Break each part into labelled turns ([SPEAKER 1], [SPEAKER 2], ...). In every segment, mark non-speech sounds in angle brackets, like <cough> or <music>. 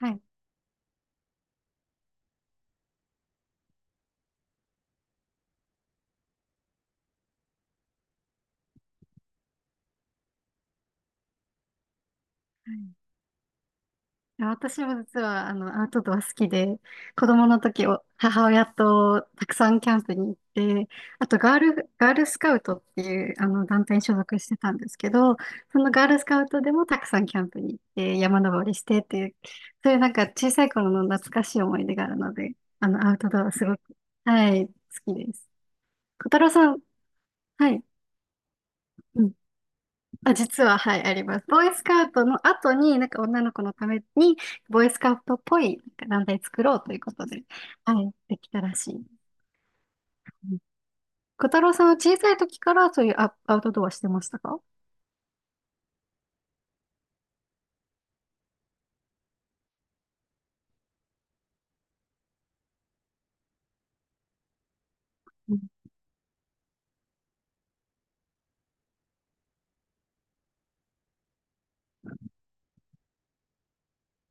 [SPEAKER 1] はい。はい、私も実は、アウトドア好きで、子供の時を、母親とたくさんキャンプに行って、あと、ガールスカウトっていう、団体に所属してたんですけど、そのガールスカウトでもたくさんキャンプに行って、山登りしてっていう、そういうなんか小さい頃の懐かしい思い出があるので、アウトドアすごく、はい、好きです。小太郎さん、はい。あ、実は、はい、あります。ボーイスカウトの後に、なんか女の子のために、ボーイスカウトっぽいなんか団体作ろうということで、はい、できたらしい。うん。小太郎さんは小さい時からそういうアウトドアしてましたか？う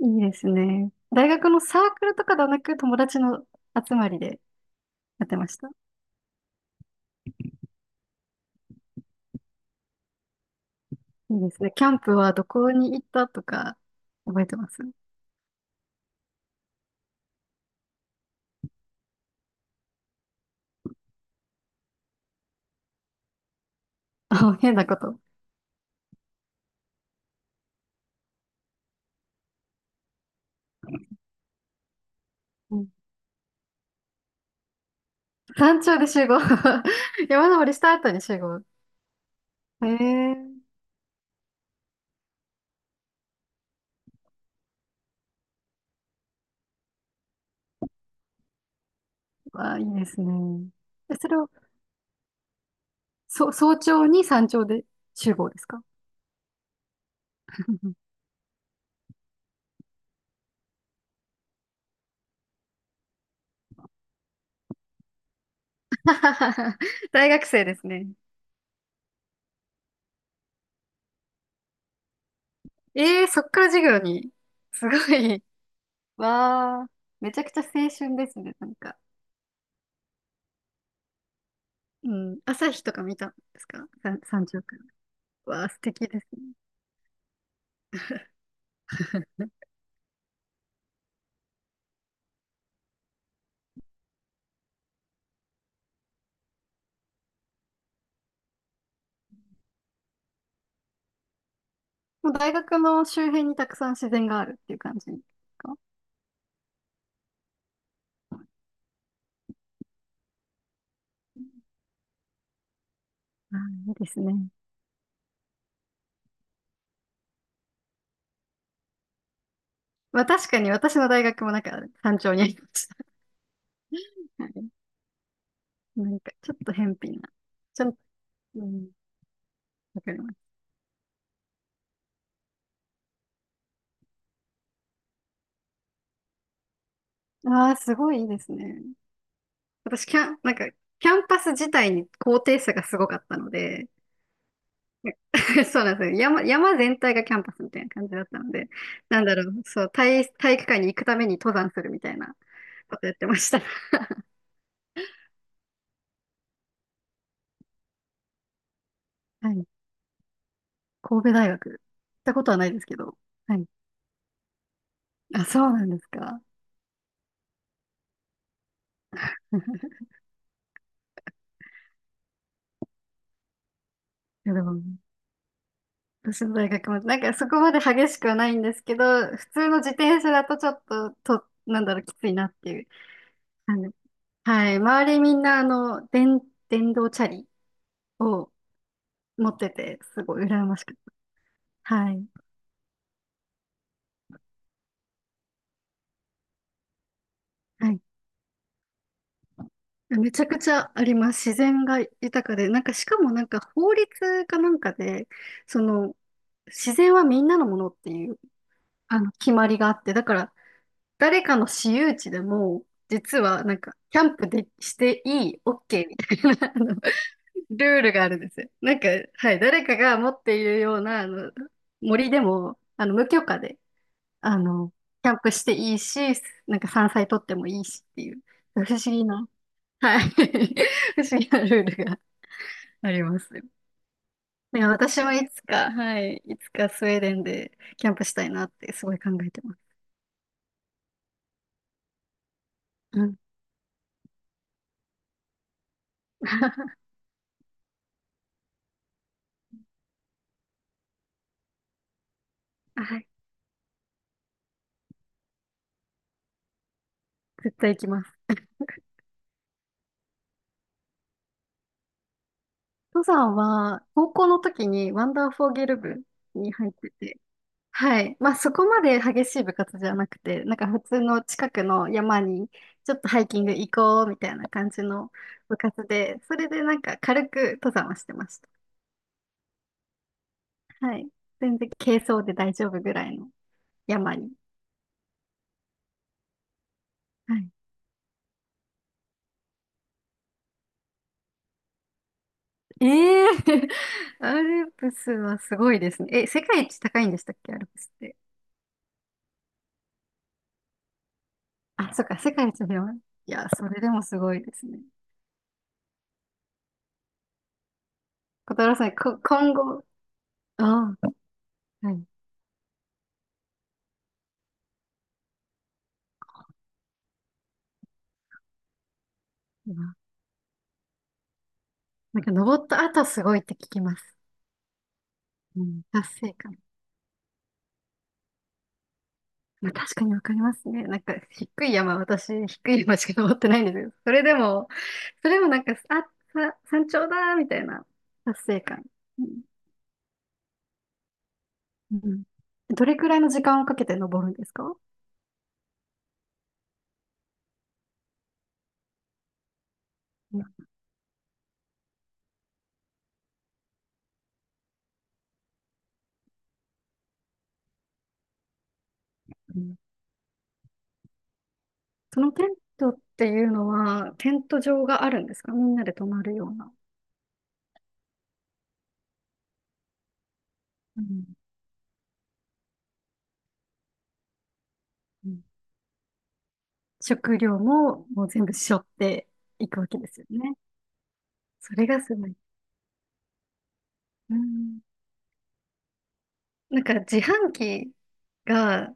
[SPEAKER 1] ん、いいですね。大学のサークルとかではなく、友達の集まりでやってました。いいですね。キャンプはどこに行ったとか、覚えてます？あ、変なこと。うん。山頂で集合 <laughs> 山登りした後に集合。へえ。わあ、いいですね。え、それを、早朝に山頂で集合ですか？ <laughs> <laughs> 大学生ですね。そっから授業に。すごい。わあ、めちゃくちゃ青春ですね、なんか。うん、朝日とか見たんですか、山頂から？わあ、素敵ですね。もう大学の周辺にたくさん自然があるっていう感じですか。あー、いいですね。まあ確かに私の大学もなんか山頂にありました。<laughs> はい。なんかちょっと偏僻な。ちょっと、うん、わかります。ああ、すごいいいですね。私、キャン、なんか、キャンパス自体に高低差がすごかったので、<laughs> そうなんですよ。山全体がキャンパスみたいな感じだったので、なんだろう、そう、体育館に行くために登山するみたいなことやってました。<laughs> はい。神戸大学。行ったことはないですけど。はい。あ、そうなんですか。<laughs> いやでも、私の大学も、なんかそこまで激しくはないんですけど、普通の自転車だとちょっと、なんだろう、きついなっていう。はい。周りみんな、電動チャリを持ってて、すごい羨ましくて。はい。はい。めちゃくちゃあります。自然が豊かで。なんか、しかもなんか法律かなんかで、その、自然はみんなのものっていう、決まりがあって、だから、誰かの私有地でも、実はなんか、キャンプでしていい、OK みたいな、<laughs> ルールがあるんですよ。なんか、はい。誰かが持っているような、森でも、無許可で、あの、キャンプしていいし、なんか山菜取ってもいいしっていう、不思議な、はい、<laughs> 不思議なルールがありますよ。だ私もいつか、はい、いつかスウェーデンでキャンプしたいなってすごい考えてます。うん。<laughs> はい、絶対行きます。登山は、高校の時にワンダーフォーゲル部に入ってて、はい。まあ、そこまで激しい部活じゃなくて、なんか普通の近くの山にちょっとハイキング行こうみたいな感じの部活で、それでなんか軽く登山はしてました。はい。全然軽装で大丈夫ぐらいの山に。はい。ええー、<laughs> アルプスはすごいですね。え、世界一高いんでしたっけ、アルプスって。あ、そっか、世界一広い。いや、それでもすごいですね。小太郎さん、今後、ああ、はい。今なんか登った後すごいって聞きます。うん、達成感。まあ、確かにわかりますね。なんか、低い山、私、低い山しか登ってないんですけど、それでも、それもなんか、あ、山頂だ、みたいな達成感。うん。うん、どれくらいの時間をかけて登るんですか？うん、そのテントっていうのは、テント場があるんですか？みんなで泊まるような。うんうん、食料ももう全部背負っていくわけですよね。それがすごい。うん、なんか自販機が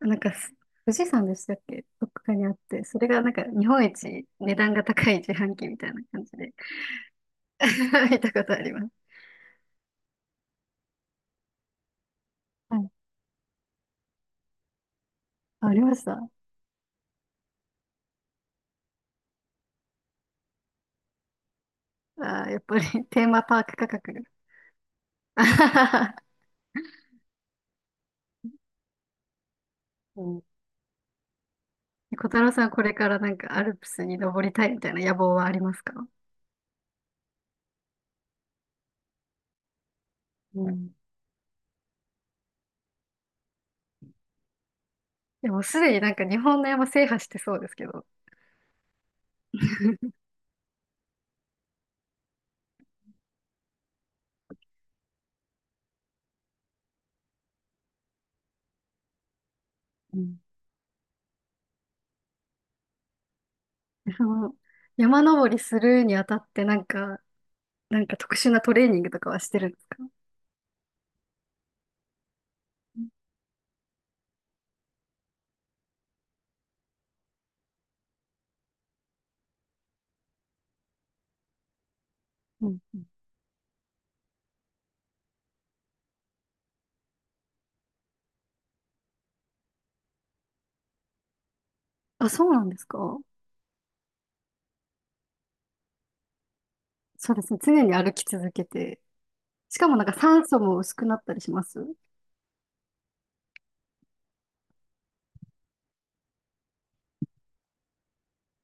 [SPEAKER 1] なんかす、富士山でしたっけ、どっかにあって、それがなんか日本一値段が高い自販機みたいな感じで <laughs> 見たことあります。はい。あ、ありました。あー、やっぱり <laughs> テーマパーク価格が。<laughs> あははは、うん、小太郎さん、これからなんかアルプスに登りたいみたいな野望はありますか？うん、でもすでになんか日本の山制覇してそうですけど、うん <laughs> その山登りするにあたってなんか、特殊なトレーニングとかはしてるんですか？うんうん、あ、そうなんですか？そうですね。常に歩き続けて。しかもなんか酸素も薄くなったりします？あ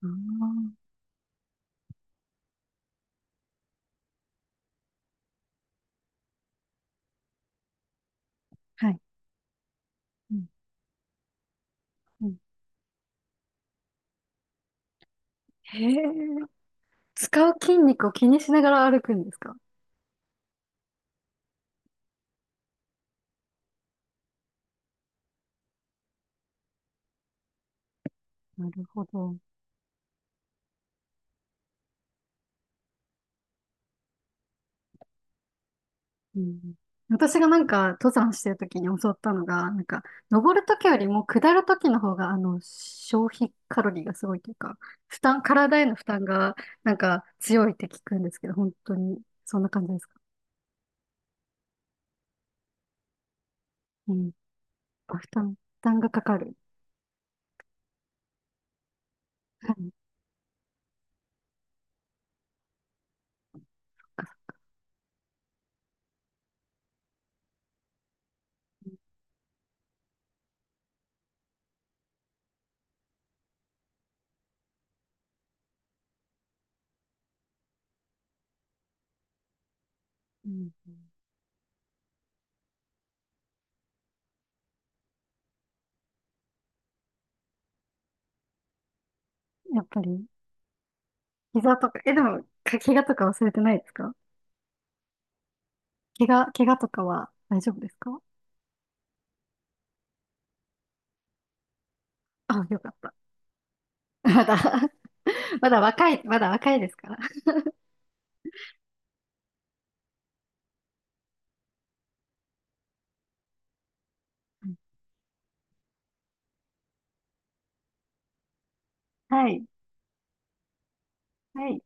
[SPEAKER 1] ー、はい。うんうん、へえ。使う筋肉を気にしながら歩くんですか？なるほど。うん。私がなんか登山してる時に教わったのが、なんか登る時よりも下る時の方が消費カロリーがすごいというか、負担、体への負担がなんか強いって聞くんですけど、本当にそんな感じですか？うん。あ、負担がかかる。はい、うん。やっぱり。膝とか、え、でも、怪我とか忘れてないですか？怪我とかは大丈夫ですか？あ、よかった。まだ <laughs> まだ若い、まだ若いですから。はい。はい。